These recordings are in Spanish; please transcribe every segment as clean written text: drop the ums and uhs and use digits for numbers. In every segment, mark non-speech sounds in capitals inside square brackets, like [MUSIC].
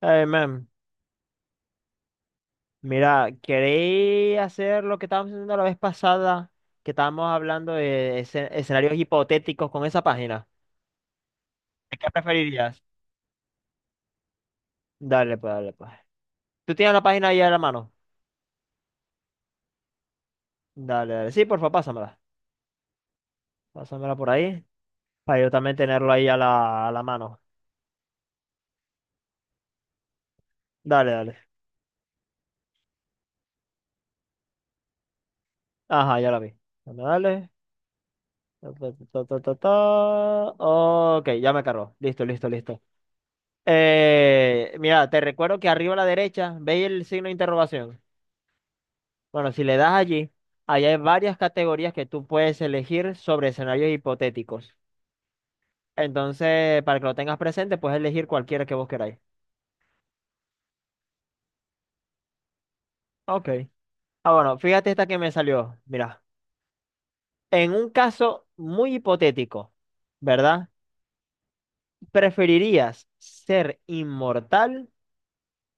Ay, man, mira, queréis hacer lo que estábamos haciendo la vez pasada, que estábamos hablando de escenarios hipotéticos con esa página. ¿Qué preferirías? Dale, pues, dale, pues. ¿Tú tienes la página ahí a la mano? Dale, dale. Sí, porfa, pásamela. Pásamela por ahí, para yo también tenerlo ahí a la mano. Dale, dale. Ajá, ya la vi. Dale, dale. Ta, ta, ta, ta, ta. Ok, ya me cargó. Listo, listo, listo. Mira, te recuerdo que arriba a la derecha, ¿veis el signo de interrogación? Bueno, si le das allí, allá hay varias categorías que tú puedes elegir sobre escenarios hipotéticos. Entonces, para que lo tengas presente, puedes elegir cualquiera que vos queráis. Ok. Ah, bueno, fíjate esta que me salió. Mira, en un caso muy hipotético, ¿verdad? ¿Preferirías ser inmortal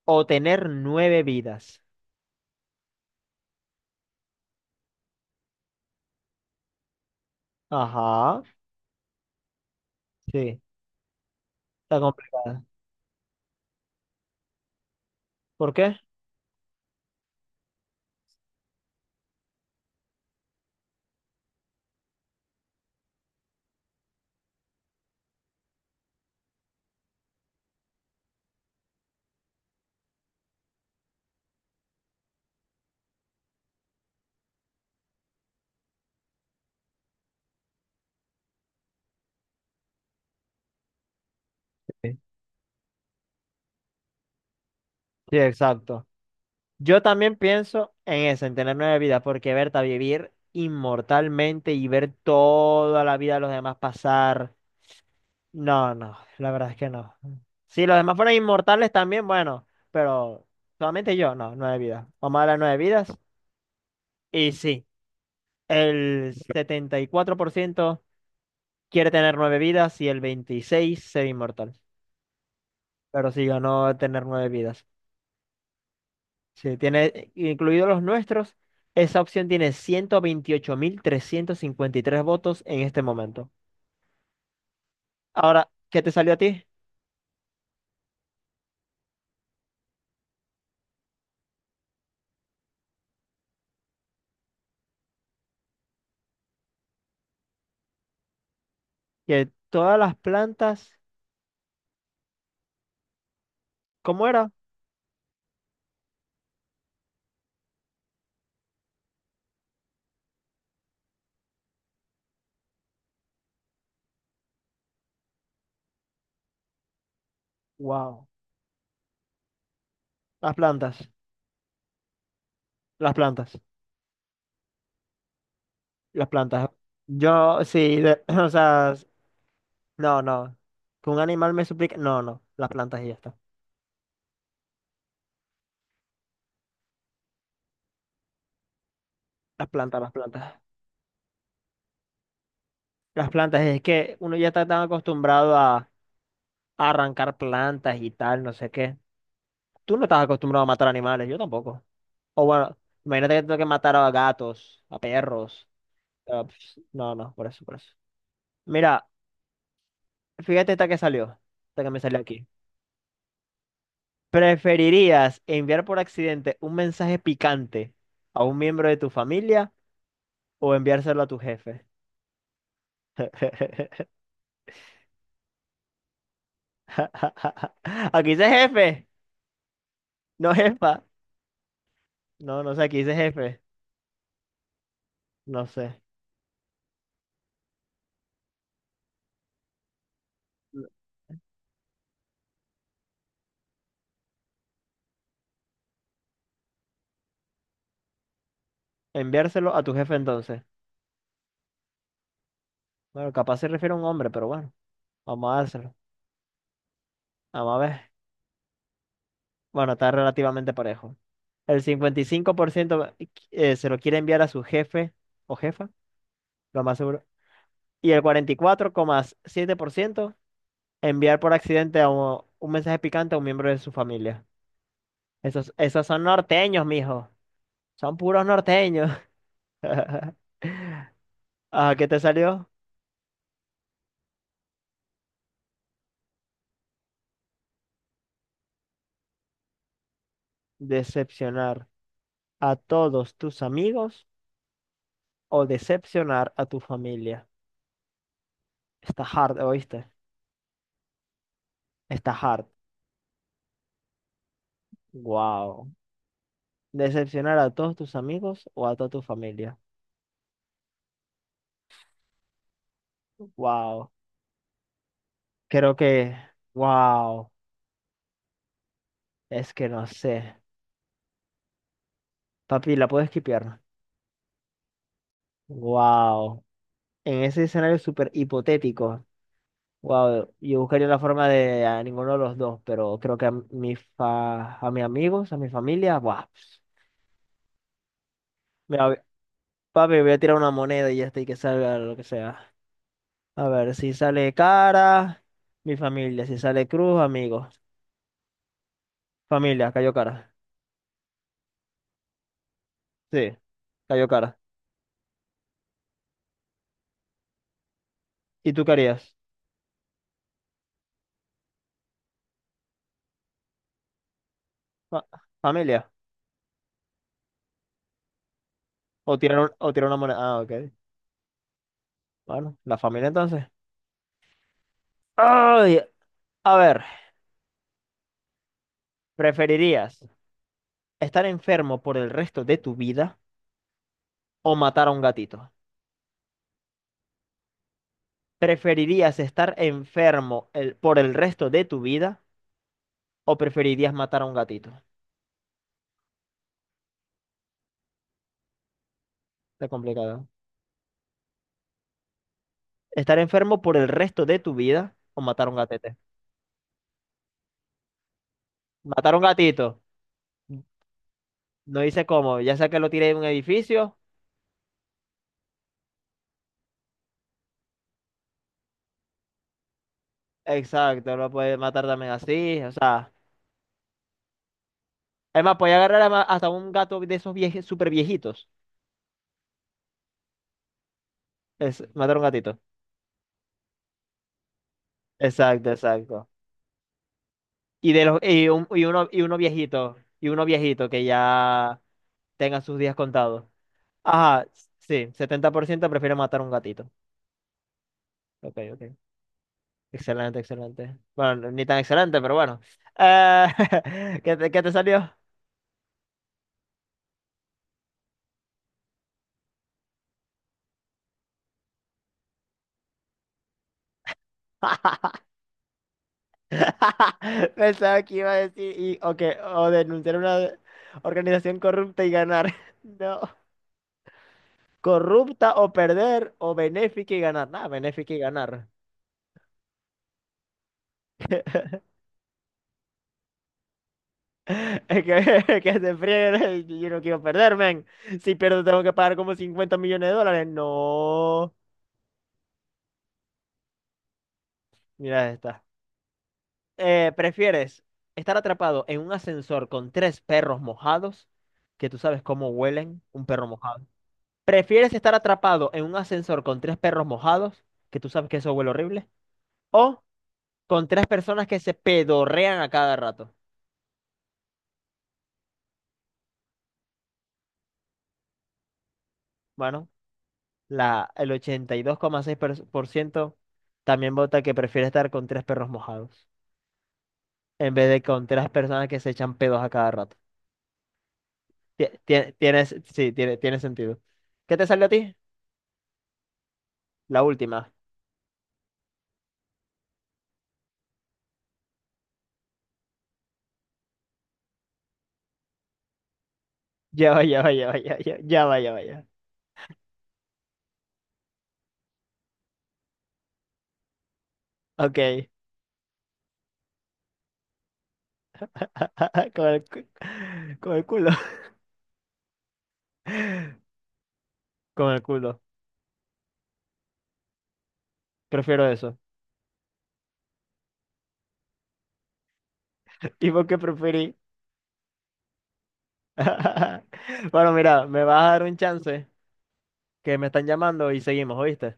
o tener nueve vidas? Ajá, sí, está complicada. ¿Por qué? Sí, sí, exacto. Yo también pienso en eso, en tener nueve vidas, porque Berta, vivir inmortalmente y ver toda la vida de los demás pasar, no, no, la verdad es que no. Si los demás fueran inmortales también, bueno, pero solamente yo, no, nueve vidas. Vamos a las nueve vidas. Y sí, el 74% quiere tener nueve vidas y el 26% ser inmortal. Pero sí, yo no tener nueve vidas. Sí, tiene incluidos los nuestros. Esa opción tiene 128.353 votos en este momento. Ahora, ¿qué te salió a ti? Que todas las plantas, ¿cómo era? Wow, las plantas, las plantas, las plantas. Yo, sí, [CLEARS THROAT] o sea, no, no. Que un animal me suplique, no, no, las plantas y ya está. Las plantas, las plantas. Las plantas, es que uno ya está tan acostumbrado a arrancar plantas y tal, no sé qué. Tú no estás acostumbrado a matar animales, yo tampoco. O bueno, imagínate que tengo que matar a gatos, a perros. Ah, pf, no, no, por eso, por eso. Mira, fíjate esta que salió. Esta que me salió aquí. ¿Preferirías enviar por accidente un mensaje picante a un miembro de tu familia o enviárselo a tu jefe? [LAUGHS] Aquí dice jefe, no jefa. No, no sé, aquí dice jefe. No sé. Enviárselo a tu jefe entonces. Bueno, capaz se refiere a un hombre, pero bueno, vamos a dárselo. Vamos a ver. Bueno, está relativamente parejo. El 55% se lo quiere enviar a su jefe o jefa, lo más seguro. Y el 44,7% enviar por accidente a un mensaje picante a un miembro de su familia. Esos, esos son norteños, mijo. Son puros norteños. [LAUGHS] Ah, ¿qué te salió? Decepcionar a todos tus amigos o decepcionar a tu familia. Está hard, ¿oíste? Está hard. Wow. Decepcionar a todos tus amigos o a toda tu familia. Wow. Creo que, wow, es que no sé. Papi, ¿la puedo esquipear? Wow. En ese escenario súper hipotético, wow, yo buscaría la forma de a ninguno de los dos, pero creo que a, a mis amigos, a mi familia, wow. Mira, papi, voy a tirar una moneda y ya está, y que salga lo que sea. A ver, si sale cara, mi familia, si sale cruz, amigos. Familia, cayó cara. Sí, cayó cara. ¿Y tú qué harías? Fa- Familia. O tirar, o tirar una moneda. Ah, ok. Bueno, la familia entonces. Ay, a ver, ¿preferirías estar enfermo por el resto de tu vida o matar a un gatito? ¿Preferirías estar enfermo por el resto de tu vida o preferirías matar a un gatito? Está complicado. ¿Eh? ¿Estar enfermo por el resto de tu vida o matar a un gatete? Matar a un gatito. No dice cómo, ya sea que lo tire de un edificio. Exacto, lo puede matar también así. O sea, además, puede agarrar hasta un gato de esos super viejitos. Es matar a un gatito. Exacto, exacto. Y de los y uno viejito, y uno viejito que ya tenga sus días contados. Ajá, sí, 70% prefiere matar a un gatito. Ok, ok. Excelente, excelente. Bueno, ni tan excelente, pero bueno. Eh, [LAUGHS] ¿qué qué te salió? [LAUGHS] Pensaba que iba a decir y o que o denunciar una organización corrupta y ganar. [LAUGHS] No. Corrupta o perder o benéfica y ganar. Nada, benéfica y ganar. [LAUGHS] Es que, [LAUGHS] que se friegue, y [LAUGHS] yo no quiero perder, men. Si pierdo, tengo que pagar como $50 millones. No. Mira esta. ¿Prefieres estar atrapado en un ascensor con tres perros mojados? Que tú sabes cómo huelen un perro mojado. ¿Prefieres estar atrapado en un ascensor con tres perros mojados? Que tú sabes que eso huele horrible. ¿O con tres personas que se pedorrean a cada rato? Bueno, el 82,6% también vota que prefiere estar con tres perros mojados en vez de con tres personas que se echan pedos a cada rato. Tienes, sí, tiene sentido. ¿Qué te salió a ti? La última. [LAUGHS] Ya va, ya va, ya va, ya va, ya va, ya va, ya va. Ok. [LAUGHS] Con el, con el culo. [LAUGHS] Con el culo. Prefiero eso. [LAUGHS] ¿Y por qué preferí? [LAUGHS] Bueno, mira, me vas a dar un chance que me están llamando y seguimos, ¿oíste?